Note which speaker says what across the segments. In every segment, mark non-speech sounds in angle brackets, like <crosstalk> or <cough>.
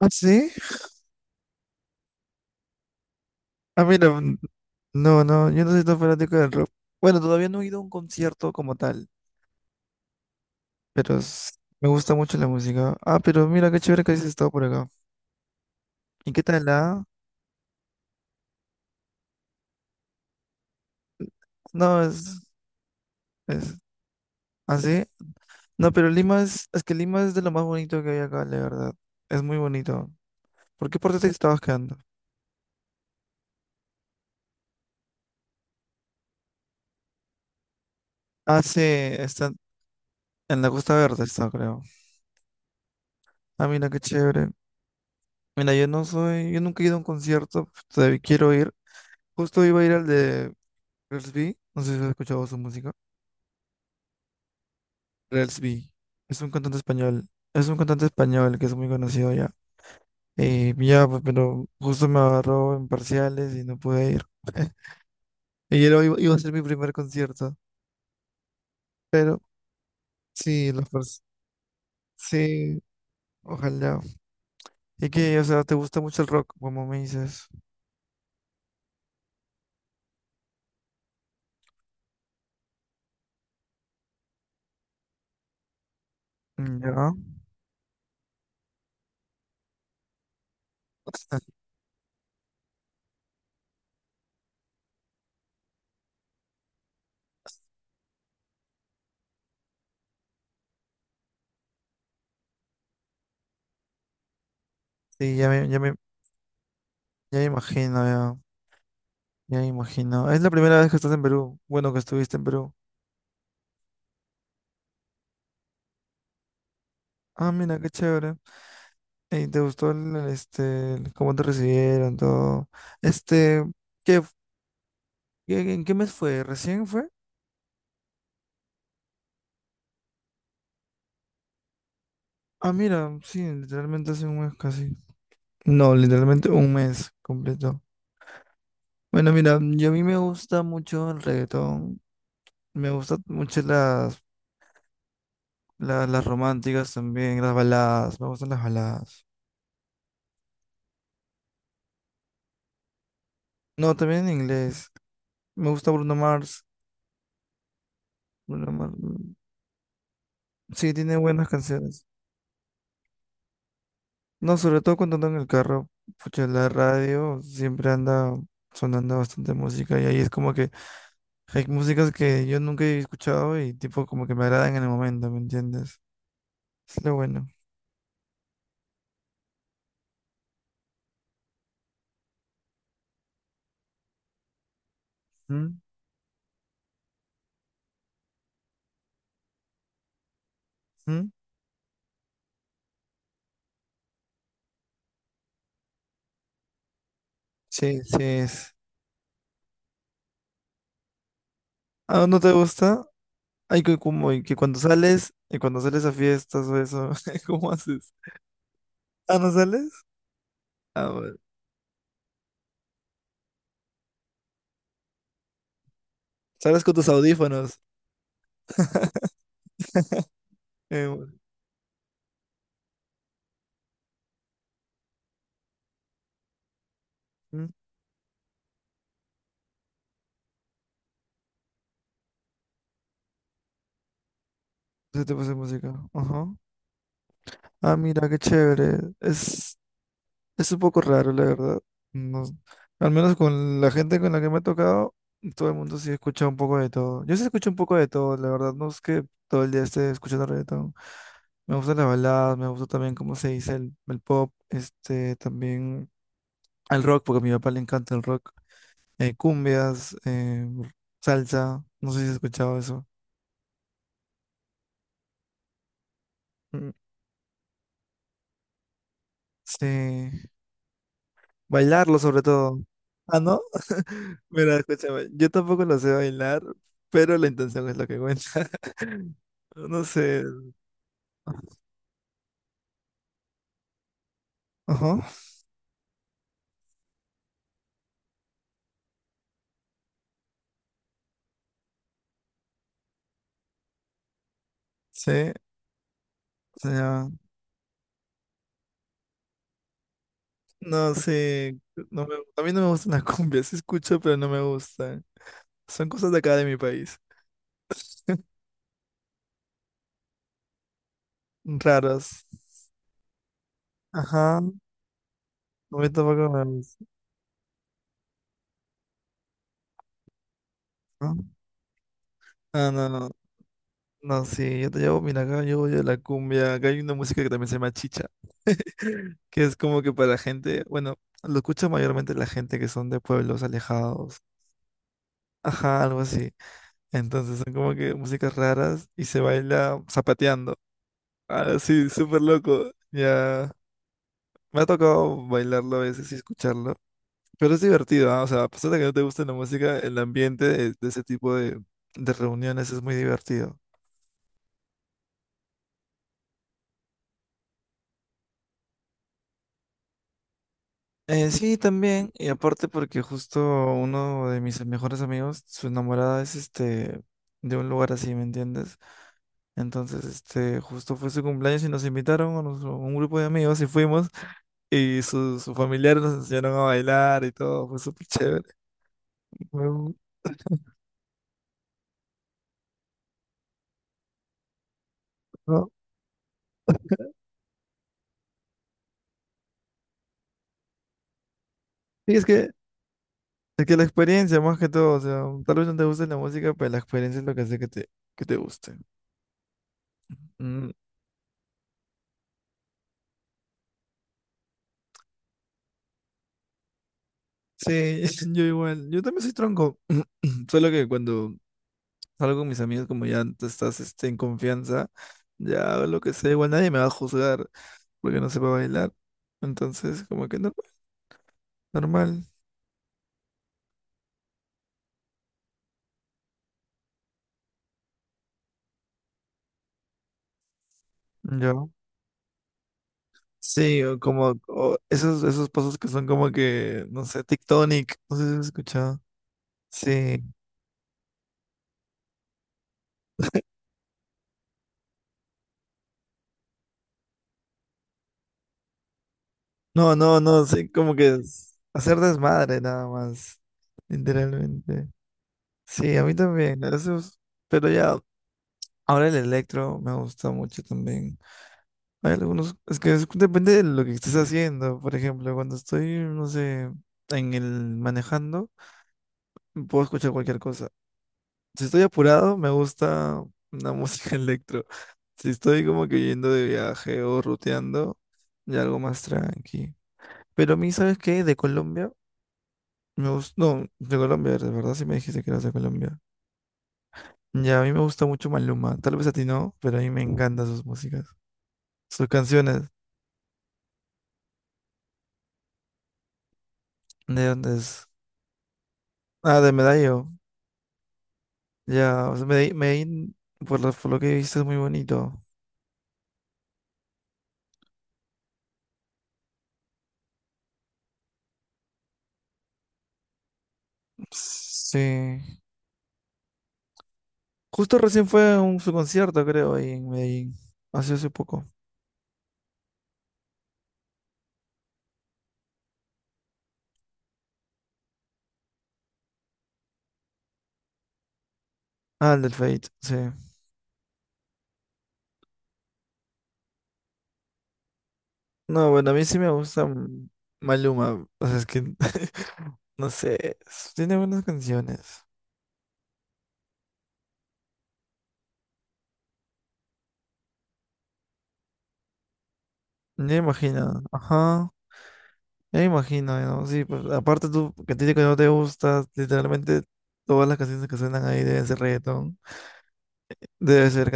Speaker 1: ¿Ah, sí? Ah, mira, no, no, yo no soy tan fanático del rock. Bueno, todavía no he ido a un concierto como tal, pero me gusta mucho la música. Ah, pero mira, qué chévere que has estado por acá. ¿Y qué tal la? No, es, ¿ah, sí? No, pero Lima es que Lima es de lo más bonito que hay acá, la verdad. Es muy bonito. ¿Por qué parte te estabas quedando? Ah, sí, está en la Costa Verde, está, creo. Ah, mira, qué chévere. Mira, yo no soy, yo nunca he ido a un concierto, todavía quiero ir. Justo iba a ir al de Rels B, no sé si has escuchado su música. Rels B es un cantante español. Es un cantante español que es muy conocido ya. Ya, pues, pero justo me agarró en parciales y no pude ir. <laughs> Iba, a ser mi primer concierto. Pero sí, sí, ojalá. Y que, o sea, te gusta mucho el rock, como me dices. Mm. Ya. <laughs> Sí, ya me imagino, ya. Ya me imagino. Es la primera vez que estás en Perú. Bueno, que estuviste en Perú. Ah, mira, qué chévere. ¿Y te gustó el cómo te recibieron, todo? Este, ¿Qué, en qué mes fue? ¿Recién fue? Ah, mira, sí, literalmente hace un mes casi. No, literalmente un mes completo. Bueno, mira, yo a mí me gusta mucho el reggaetón. Me gustan mucho las románticas también, las baladas. Me gustan las baladas. No, también en inglés. Me gusta Bruno Mars. Bruno Mars. Sí, tiene buenas canciones. No, sobre todo cuando ando en el carro, pucha, la radio siempre anda sonando bastante música y ahí es como que hay músicas que yo nunca he escuchado y tipo como que me agradan en el momento, ¿me entiendes? Es lo bueno. ¿Mm? ¿Mm? Sí, sí es. ¿Ah, no te gusta? Hay que como y que cuando sales a fiestas o eso, <laughs> ¿cómo haces? ¿Ah, no sales? Ah, bueno. Sales con tus audífonos. Bueno. ¿Mm? Ese tipo de música. Ajá. Ah, mira, qué chévere. Es un poco raro, la verdad. No- al menos con la gente con la que me ha tocado, todo el mundo sí escucha un poco de todo. Yo sí escucho un poco de todo, la verdad. No es que todo el día esté escuchando reggaetón. Me gustan las baladas, me gusta también cómo se dice el pop, este, también el rock, porque a mi papá le encanta el rock. Cumbias, salsa, no sé si has escuchado eso. Mm. Sí. Bailarlo sobre todo. Ah, ¿no? <laughs> Mira, sí, escúchame, yo tampoco lo sé bailar, pero la intención es lo que cuenta. <laughs> No sé. Ajá, sí, o sea, no sé, a mí no me gustan las cumbias, sí escucho, pero no me gustan. Son cosas de acá de mi país, <laughs> raras. Ajá, no me tampoco me gustan. Ah, no, no, No, sí, yo te llevo, mira, acá yo voy a la cumbia. Acá hay una música que también se llama chicha, <laughs> que es como que para la gente, bueno, lo escucha mayormente la gente que son de pueblos alejados. Ajá, algo así. Entonces son como que músicas raras y se baila zapateando. Ah, sí, súper loco. Ya. Me ha tocado bailarlo a veces y escucharlo. Pero es divertido, ¿ah? O sea, a pesar de que no te guste la música, el ambiente de ese tipo de reuniones es muy divertido. Sí, también, y aparte porque justo uno de mis mejores amigos, su enamorada es este de un lugar así, ¿me entiendes? Entonces, este, justo fue su cumpleaños y nos invitaron a a un grupo de amigos y fuimos y sus familiares nos enseñaron a bailar y todo, fue súper chévere. Me gu- ¿No? Y es que la experiencia más que todo, o sea, tal vez no te guste la música, pero la experiencia es lo que hace que te guste. Mm, sí, <laughs> yo igual, yo también soy tronco, <clears throat> solo que cuando salgo con mis amigos, como ya tú estás este, en confianza, ya hago lo que sea, igual nadie me va a juzgar porque no sepa bailar. Entonces, como que normal, normal. Ya. Sí, o como o esos pasos que son como que, no sé, tectonic, no sé si has escuchado. Sí. No, no, no, sí, como que es hacer desmadre nada más, literalmente. Sí, a mí también, a esos, pero ya, ahora el electro me gusta mucho también. Hay algunos, depende de lo que estés haciendo. Por ejemplo, cuando estoy, no sé, en el manejando, puedo escuchar cualquier cosa. Si estoy apurado, me gusta una <laughs> música electro. Si estoy como que yendo de viaje o ruteando, ya algo más tranqui. Pero a mí, ¿sabes qué? De Colombia, me gusta, no, de Colombia, de verdad sí me dijiste que eras de Colombia. Ya, a mí me gusta mucho Maluma. Tal vez a ti no, pero a mí me encantan sus músicas, sus canciones. ¿De dónde es? Ah, de Medallo. Ya, o sea, Medellín, por lo que viste es muy bonito. Sí. Justo recién fue a su concierto, creo, ahí en Medellín. Hace poco. Ah, el del Fate, sí. No, bueno, a mí sí me gusta Maluma. O sea, es que, <laughs> no sé, tiene buenas canciones. Ya imagino, ajá. Ya imagino, ¿no? Sí, pues, aparte tú, que a ti que no te gusta, literalmente todas las canciones que suenan ahí deben ser reggaetón. Debe ser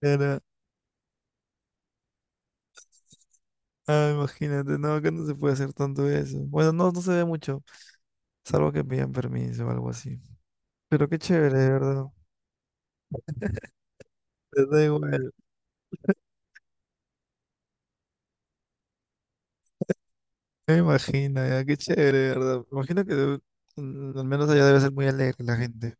Speaker 1: cantar. Ah, imagínate, no, acá no se puede hacer tanto eso. Bueno, no, no se ve mucho, salvo que pidan permiso o algo así. Pero qué chévere, ¿de verdad? Les da igual. Me imagino, ya, qué chévere, ¿de verdad? Me imagino que mm, al menos allá debe ser muy alegre la gente.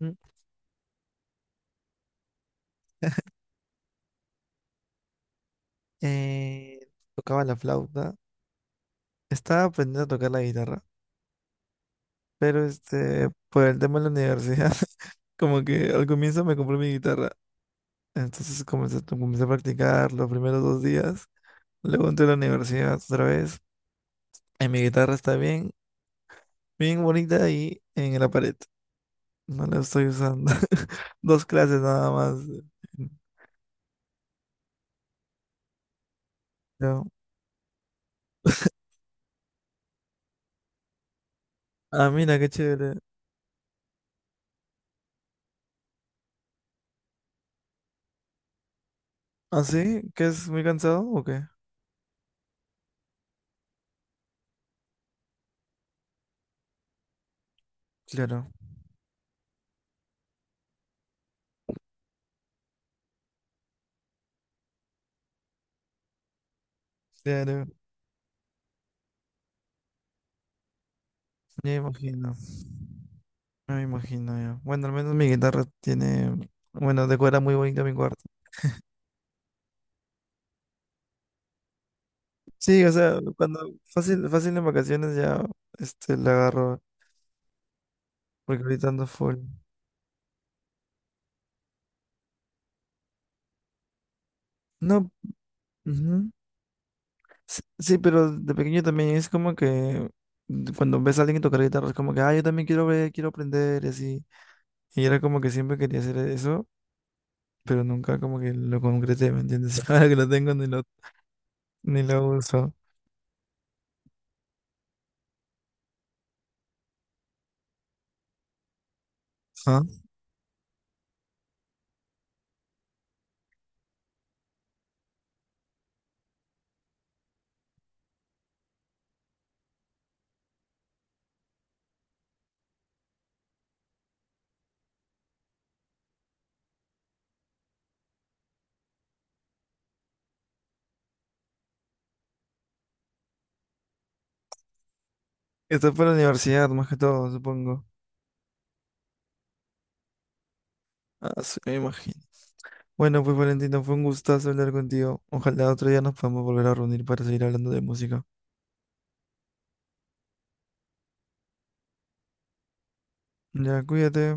Speaker 1: ¿Mm? Eh, tocaba la flauta, estaba aprendiendo a tocar la guitarra, pero este, por el tema de la universidad, <laughs> como que al comienzo me compré mi guitarra, entonces comencé a practicar los primeros 2 días, luego entré a la universidad otra vez. En mi guitarra está bien, bien bonita y en la pared. No la estoy usando. <laughs> Dos clases nada más. Ya. Ah, mira, qué chévere. ¿Ah, sí? ¿Que es muy cansado o qué? Claro, claro. Me imagino. Me imagino yo. Bueno, al menos mi guitarra tiene, bueno, decora muy bonito mi cuarto. Sí, o sea, cuando fácil, fácil en vacaciones ya, este, la agarro, porque ahorita ando full. No, ujú. Sí, sí, pero de pequeño también es como que cuando ves a alguien tocar guitarra, es como que, ah, yo también quiero ver, quiero aprender y así. Y era como que siempre quería hacer eso, pero nunca como que lo concreté, ¿me entiendes? <laughs> Ahora que lo tengo ni lo, ni lo uso. ¿Ah? Esto fue la universidad, más que todo, supongo. Ah, sí, me imagino. Bueno, pues Valentino, fue un gustazo hablar contigo. Ojalá otro día nos podamos volver a reunir para seguir hablando de música. Ya, cuídate.